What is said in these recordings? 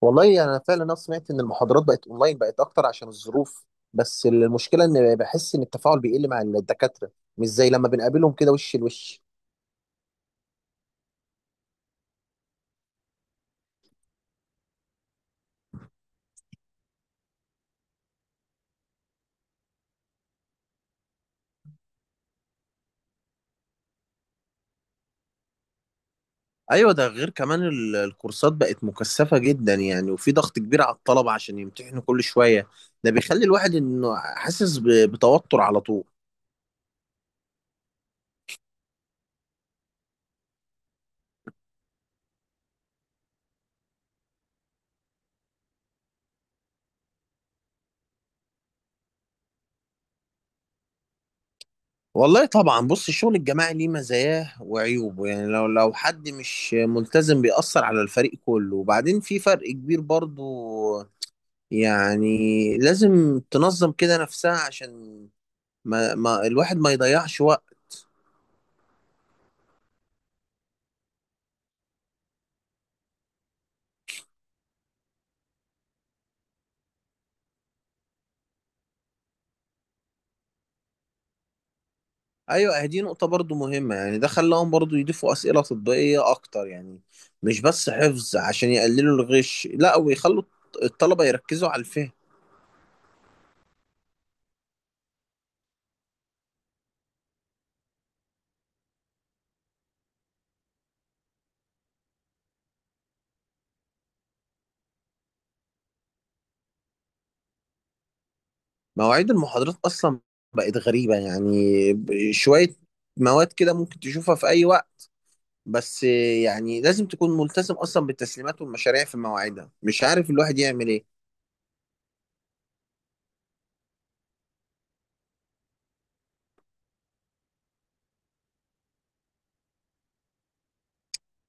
والله انا فعلا، انا سمعت ان المحاضرات بقت اونلاين، بقت اكتر عشان الظروف. بس المشكله ان بحس ان التفاعل بيقل مع الدكاتره، مش زي لما بنقابلهم كده وش لوش. ايوه، ده غير كمان الكورسات بقت مكثفه جدا يعني، وفي ضغط كبير على الطلبه عشان يمتحنوا كل شويه. ده بيخلي الواحد انه حاسس بتوتر على طول. والله طبعا بص، الشغل الجماعي ليه مزاياه وعيوبه، يعني لو حد مش ملتزم بيأثر على الفريق كله، وبعدين في فرق كبير برضو. يعني لازم تنظم كده نفسها عشان ما الواحد ما يضيعش وقت. ايوه دي نقطة برضو مهمة، يعني ده خلاهم برضو يضيفوا أسئلة تطبيقية اكتر يعني، مش بس حفظ عشان يقللوا الغش. لا، ويخلوا الطلبة يركزوا على الفهم. مواعيد المحاضرات اصلا بقت غريبة يعني، شوية مواد كده ممكن تشوفها في اي وقت. بس يعني لازم تكون ملتزم اصلا بالتسليمات والمشاريع في مواعيدها، مش عارف الواحد يعمل ايه.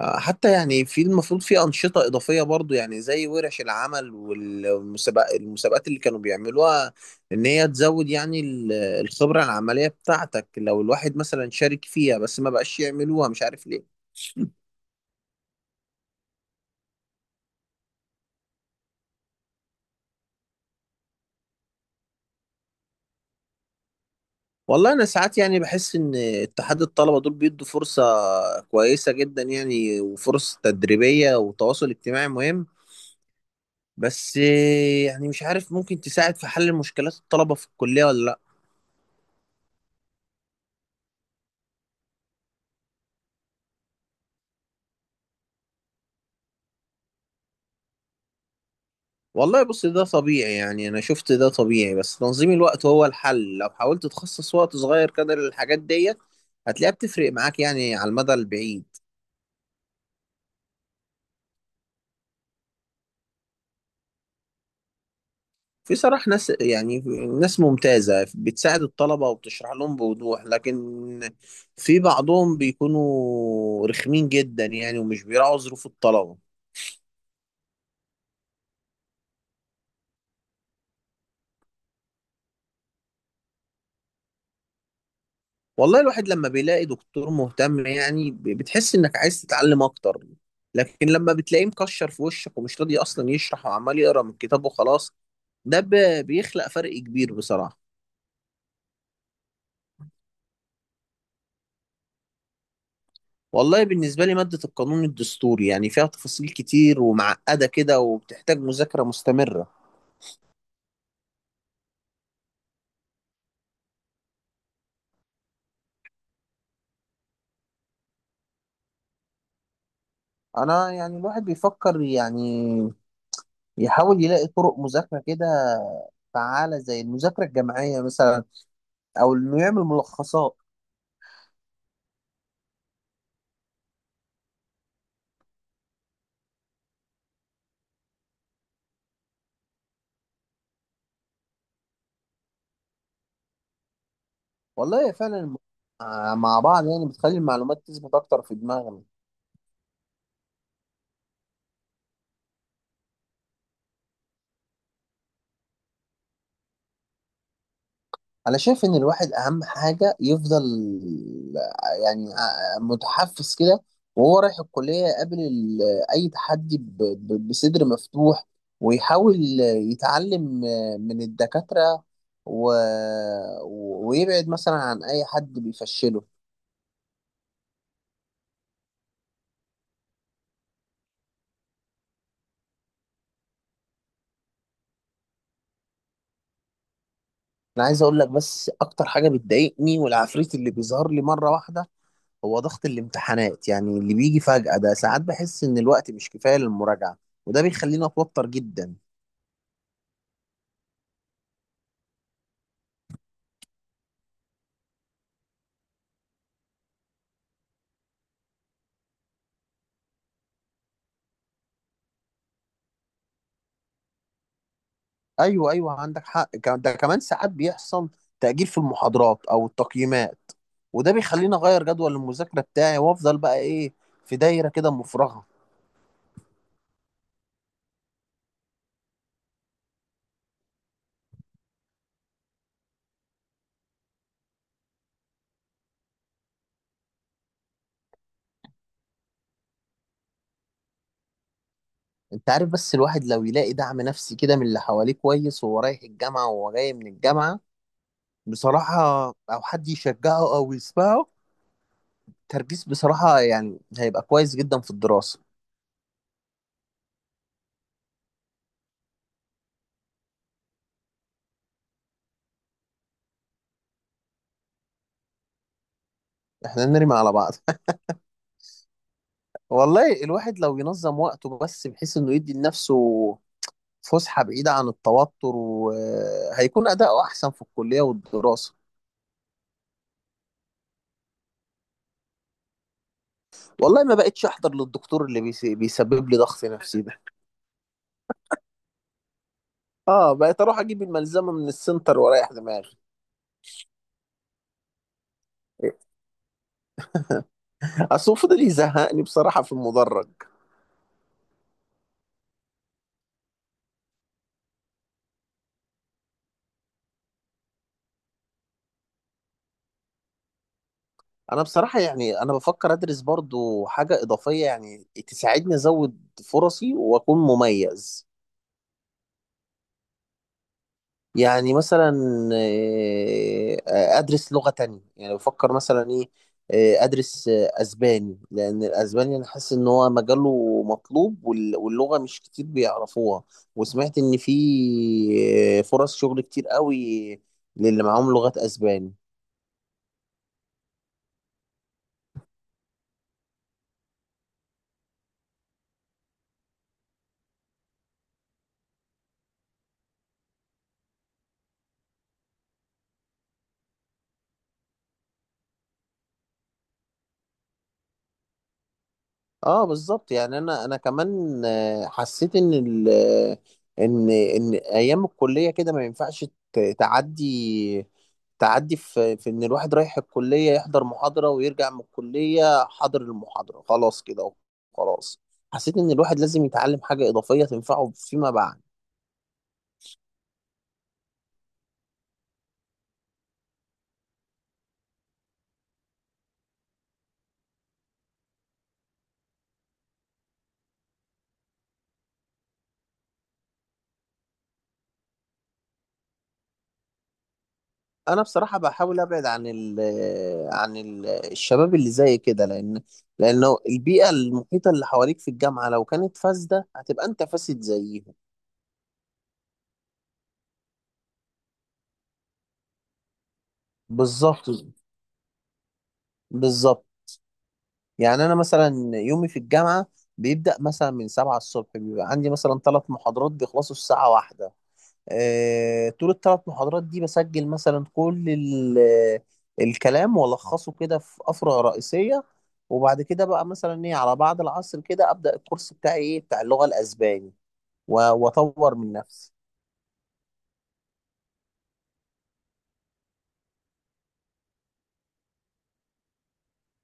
حتى يعني في المفروض في أنشطة إضافية برضو، يعني زي ورش العمل والمسابقات اللي كانوا بيعملوها، إن هي تزود يعني الخبرة العملية بتاعتك لو الواحد مثلا شارك فيها. بس ما بقاش يعملوها مش عارف ليه. والله أنا ساعات يعني بحس إن اتحاد الطلبة دول بيدوا فرصة كويسة جدا يعني، وفرص تدريبية وتواصل اجتماعي مهم. بس يعني مش عارف ممكن تساعد في حل مشكلات الطلبة في الكلية ولا لأ. والله بص، ده طبيعي، يعني انا شفت ده طبيعي. بس تنظيم الوقت هو الحل، لو حاولت تخصص وقت صغير كده للحاجات ديت هتلاقيها بتفرق معاك يعني على المدى البعيد. في صراحة ناس، يعني ناس ممتازة بتساعد الطلبة وبتشرح لهم بوضوح، لكن في بعضهم بيكونوا رخمين جدا يعني، ومش بيراعوا ظروف الطلبة. والله الواحد لما بيلاقي دكتور مهتم يعني بتحس انك عايز تتعلم اكتر، لكن لما بتلاقيه مكشر في وشك، ومش راضي اصلا يشرح وعمال يقرا من الكتاب وخلاص، ده بيخلق فرق كبير بصراحة. والله بالنسبة لي مادة القانون الدستوري، يعني فيها تفاصيل كتير ومعقدة كده، وبتحتاج مذاكرة مستمرة. انا يعني الواحد بيفكر يعني يحاول يلاقي طرق مذاكرة كده فعالة، زي المذاكرة الجماعية مثلا، او انه يعمل ملخصات. والله هي فعلا مع بعض يعني بتخلي المعلومات تثبت اكتر في دماغنا. انا شايف ان الواحد اهم حاجه يفضل يعني متحفز كده، وهو رايح الكليه يقابل اي تحدي بصدر مفتوح، ويحاول يتعلم من الدكاتره، و... ويبعد مثلا عن اي حد بيفشله. انا عايز اقول لك بس اكتر حاجه بتضايقني والعفريت اللي بيظهر لي مره واحده هو ضغط الامتحانات، يعني اللي بيجي فجأة ده. ساعات بحس إن الوقت مش كفاية للمراجعة، وده بيخليني أتوتر جدا. أيوه أيوه عندك حق، ده كمان ساعات بيحصل تأجيل في المحاضرات أو التقييمات، وده بيخليني أغير جدول المذاكرة بتاعي، وأفضل بقى إيه، في دايرة كده مفرغة. أنت عارف، بس الواحد لو يلاقي دعم نفسي كده من اللي حواليه كويس، وهو رايح الجامعة وهو جاي من الجامعة بصراحة، أو حد يشجعه أو يسمعه، تركيز بصراحة يعني هيبقى كويس جدا في الدراسة. احنا نرمي على بعض. والله الواحد لو ينظم وقته بس، بحيث انه يدي لنفسه فسحة بعيدة عن التوتر، وهيكون أداؤه أحسن في الكلية والدراسة. والله ما بقتش أحضر للدكتور اللي بيسبب لي ضغط نفسي ده. اه، بقيت أروح أجيب الملزمة من السنتر وأريح دماغي. أصل هو فضل يزهقني بصراحة في المدرج. أنا بصراحة يعني أنا بفكر أدرس برضو حاجة إضافية، يعني تساعدني أزود فرصي وأكون مميز. يعني مثلا ادرس لغة تانية، يعني بفكر مثلا ايه ادرس اسباني، لان الاسباني انا حاسس ان هو مجاله مطلوب، واللغة مش كتير بيعرفوها. وسمعت ان في فرص شغل كتير قوي للي معاهم لغات اسباني. اه بالظبط، يعني انا كمان حسيت ان ال آه، ان ان ايام الكليه كده ما ينفعش تعدي تعدي في ان الواحد رايح الكليه يحضر محاضره ويرجع من الكليه حاضر المحاضره خلاص كده. خلاص. حسيت ان الواحد لازم يتعلم حاجه اضافيه تنفعه فيما بعد. انا بصراحه بحاول ابعد عن ال الشباب اللي زي كده، لانه البيئه المحيطه اللي حواليك في الجامعه لو كانت فاسده، هتبقى انت فاسد زيهم. بالظبط، بالظبط. يعني انا مثلا يومي في الجامعه بيبدا مثلا من 7 الصبح، بيبقى عندي مثلا 3 محاضرات بيخلصوا الساعه 1. طول ال 3 محاضرات دي بسجل مثلا كل الكلام والخصه كده في افرع رئيسيه. وبعد كده بقى مثلا ايه على بعد العصر كده ابدا الكورس بتاعي ايه بتاع اللغه الاسباني، واطور من نفسي.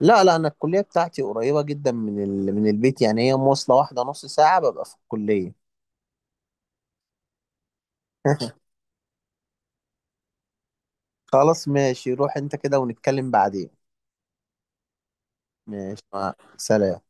لا لا، انا الكليه بتاعتي قريبه جدا من من البيت، يعني هي مواصله واحده نص ساعه ببقى في الكليه. خلاص ماشي، روح انت كده ونتكلم بعدين. ماشي، سلام.